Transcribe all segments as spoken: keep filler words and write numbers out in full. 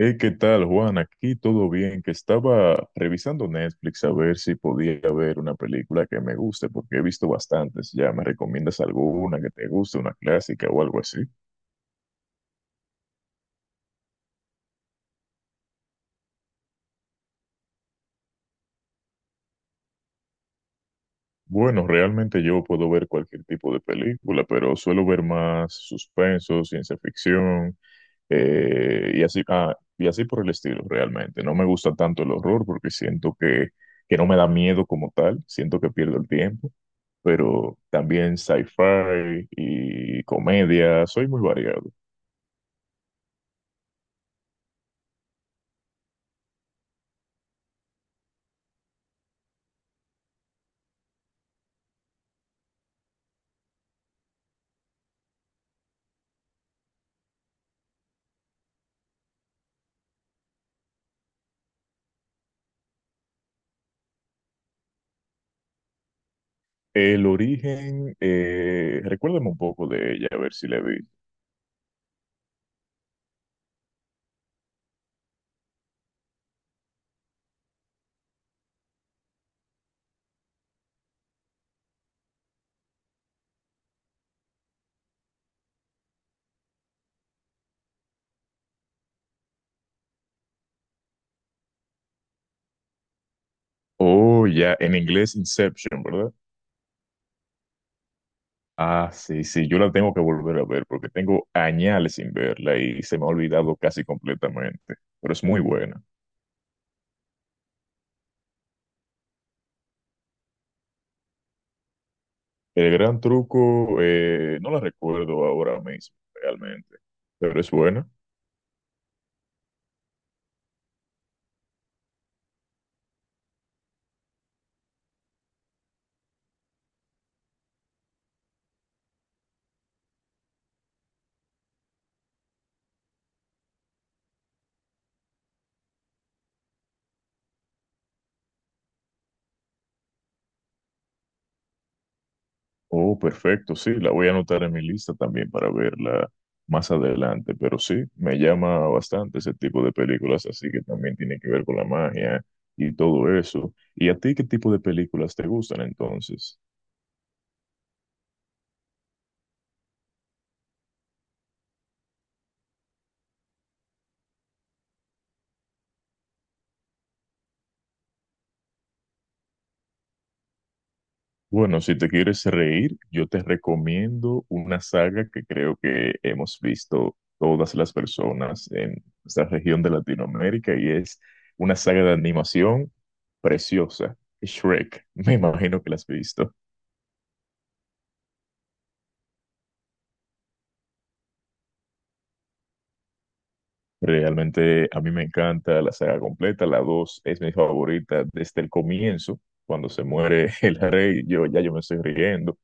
Hey, ¿qué tal, Juan? Aquí todo bien, que estaba revisando Netflix a ver si podía ver una película que me guste, porque he visto bastantes ya. ¿Me recomiendas alguna que te guste, una clásica o algo así? Bueno, realmente yo puedo ver cualquier tipo de película, pero suelo ver más suspenso, ciencia ficción. eh, y así, ah, y así por el estilo, realmente. No me gusta tanto el horror porque siento que, que no me da miedo como tal, siento que pierdo el tiempo, pero también sci-fi y comedia, soy muy variado. El Origen, eh, recuérdame un poco de ella, a ver si la vi. Oh, ya, en inglés Inception, ¿verdad? Ah, sí, sí, yo la tengo que volver a ver porque tengo añales sin verla y se me ha olvidado casi completamente, pero es muy buena. El Gran Truco, eh, no la recuerdo ahora mismo, realmente, pero es buena. Oh, perfecto, sí, la voy a anotar en mi lista también para verla más adelante, pero sí, me llama bastante ese tipo de películas, así que también tiene que ver con la magia y todo eso. ¿Y a ti qué tipo de películas te gustan entonces? Bueno, si te quieres reír, yo te recomiendo una saga que creo que hemos visto todas las personas en esta región de Latinoamérica y es una saga de animación preciosa, Shrek. Me imagino que la has visto. Realmente a mí me encanta la saga completa, la dos es mi favorita desde el comienzo, cuando se muere el rey, yo ya yo me estoy riendo.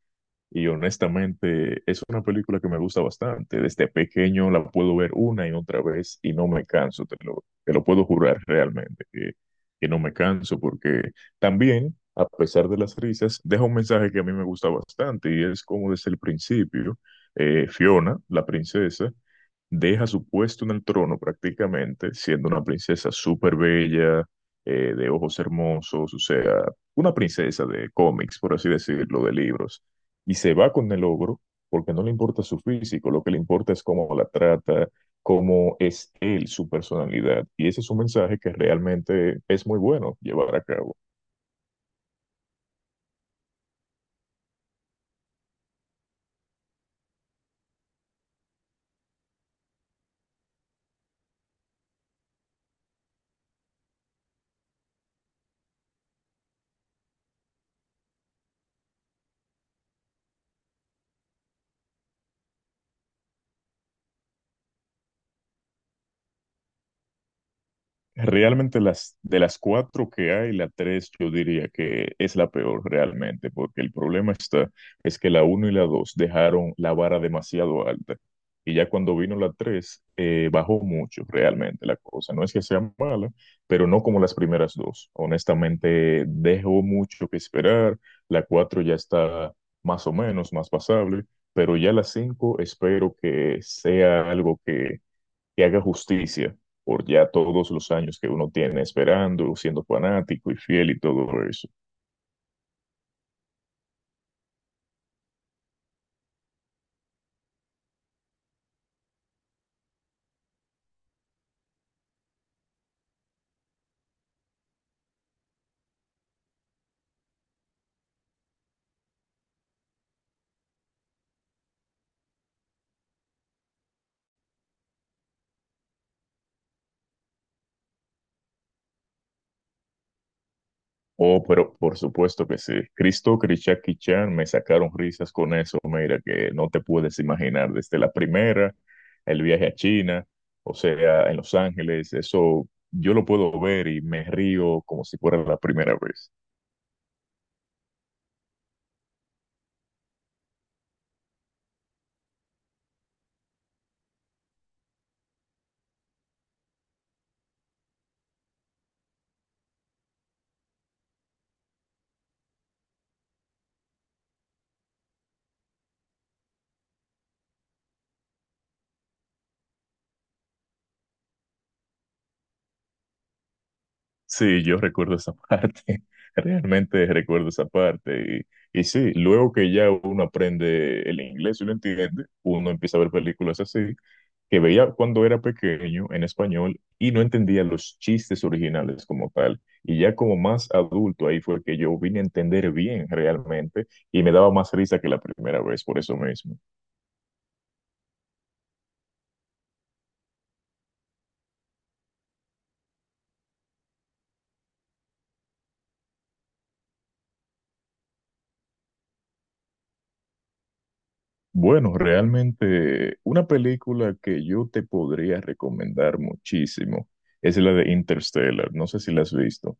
Y honestamente, es una película que me gusta bastante. Desde pequeño la puedo ver una y otra vez y no me canso, te lo, te lo puedo jurar realmente, que, que no me canso, porque también, a pesar de las risas, deja un mensaje que a mí me gusta bastante y es como desde el principio, eh, Fiona, la princesa, deja su puesto en el trono prácticamente, siendo una princesa súper bella, eh, de ojos hermosos, o sea, una princesa de cómics, por así decirlo, de libros, y se va con el ogro porque no le importa su físico, lo que le importa es cómo la trata, cómo es él, su personalidad, y ese es un mensaje que realmente es muy bueno llevar a cabo. Realmente las de las cuatro que hay, la tres yo diría que es la peor realmente, porque el problema está es que la uno y la dos dejaron la vara demasiado alta y ya cuando vino la tres eh, bajó mucho realmente la cosa. No es que sea mala, pero no como las primeras dos. Honestamente dejó mucho que esperar. La cuatro ya está más o menos más pasable, pero ya la cinco espero que sea algo que que haga justicia por ya todos los años que uno tiene esperando, siendo fanático y fiel y todo eso. Oh, pero por supuesto que sí. Cristo, Krishaki Chan, me sacaron risas con eso, mira, que no te puedes imaginar desde la primera, el viaje a China, o sea, en Los Ángeles, eso yo lo puedo ver y me río como si fuera la primera vez. Sí, yo recuerdo esa parte, realmente recuerdo esa parte. Y, y sí, luego que ya uno aprende el inglés y lo entiende, uno empieza a ver películas así, que veía cuando era pequeño en español y no entendía los chistes originales como tal. Y ya como más adulto, ahí fue que yo vine a entender bien realmente y me daba más risa que la primera vez, por eso mismo. Bueno, realmente una película que yo te podría recomendar muchísimo es la de Interstellar. No sé si la has visto.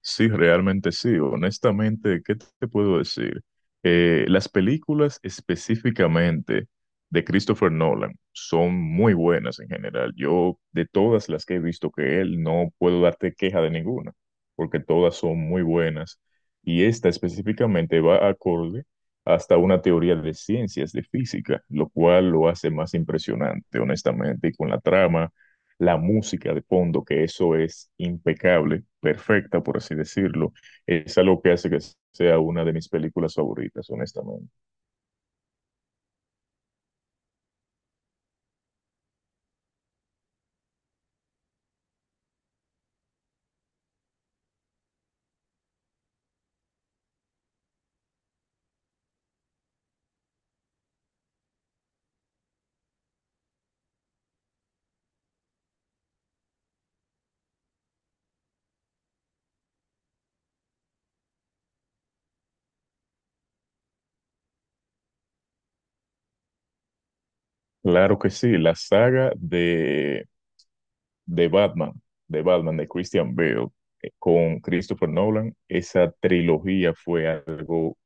Sí, realmente sí. Honestamente, ¿qué te puedo decir? Eh, las películas específicamente de Christopher Nolan son muy buenas en general. Yo, de todas las que he visto que él, no puedo darte queja de ninguna, porque todas son muy buenas. Y esta específicamente va acorde hasta una teoría de ciencias, de física, lo cual lo hace más impresionante, honestamente, y con la trama la música de fondo, que eso es impecable, perfecta, por así decirlo, es algo que hace que sea una de mis películas favoritas, honestamente. Claro que sí, la saga de, de Batman, de Batman, de Christian Bale, eh, con Christopher Nolan, esa trilogía fue algo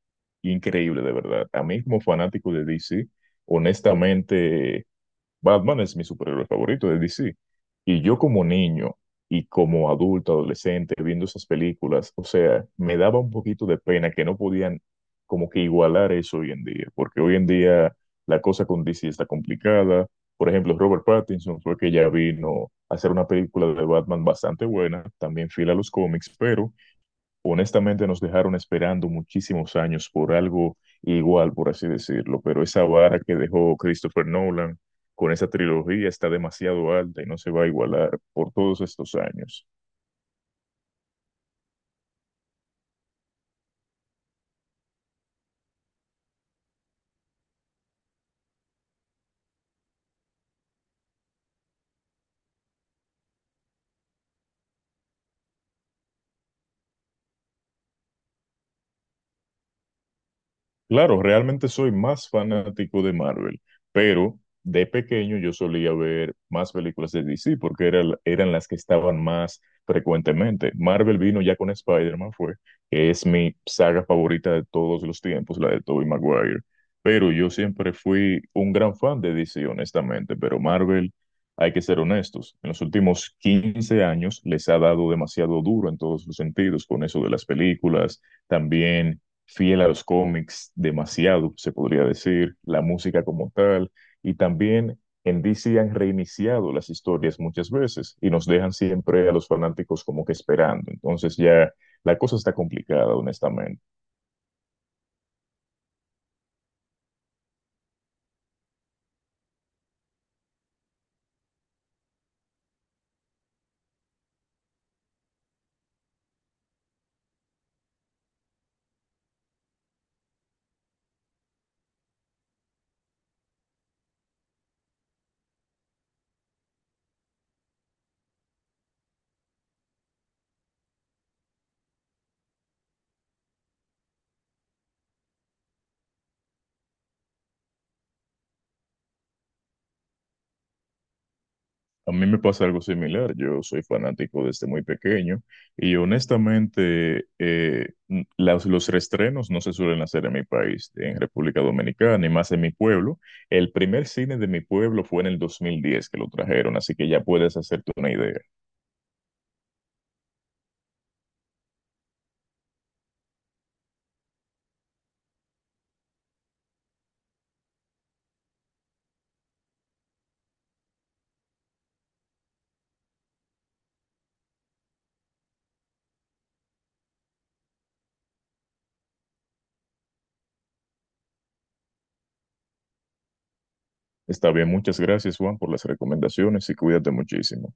increíble, de verdad. A mí como fanático de D C, honestamente Batman es mi superhéroe favorito de D C. Y yo como niño y como adulto, adolescente, viendo esas películas, o sea, me daba un poquito de pena que no podían como que igualar eso hoy en día, porque hoy en día la cosa con D C está complicada. Por ejemplo, Robert Pattinson fue que ya vino a hacer una película de Batman bastante buena, también fiel a los cómics, pero honestamente nos dejaron esperando muchísimos años por algo igual, por así decirlo, pero esa vara que dejó Christopher Nolan con esa trilogía está demasiado alta y no se va a igualar por todos estos años. Claro, realmente soy más fanático de Marvel, pero de pequeño yo solía ver más películas de D C porque era- eran las que estaban más frecuentemente. Marvel vino ya con Spider-Man, fue, que es mi saga favorita de todos los tiempos, la de Tobey Maguire. Pero yo siempre fui un gran fan de D C, honestamente, pero Marvel, hay que ser honestos, en los últimos quince años les ha dado demasiado duro en todos los sentidos con eso de las películas, también fiel a los cómics, demasiado, se podría decir, la música como tal, y también en D C han reiniciado las historias muchas veces y nos dejan siempre a los fanáticos como que esperando. Entonces ya la cosa está complicada, honestamente. A mí me pasa algo similar. Yo soy fanático desde muy pequeño y honestamente eh, n- las- los reestrenos no se suelen hacer en mi país, en República Dominicana y más en mi pueblo. El primer cine de mi pueblo fue en el dos mil diez que lo trajeron, así que ya puedes hacerte una idea. Está bien, muchas gracias Juan por las recomendaciones y cuídate muchísimo.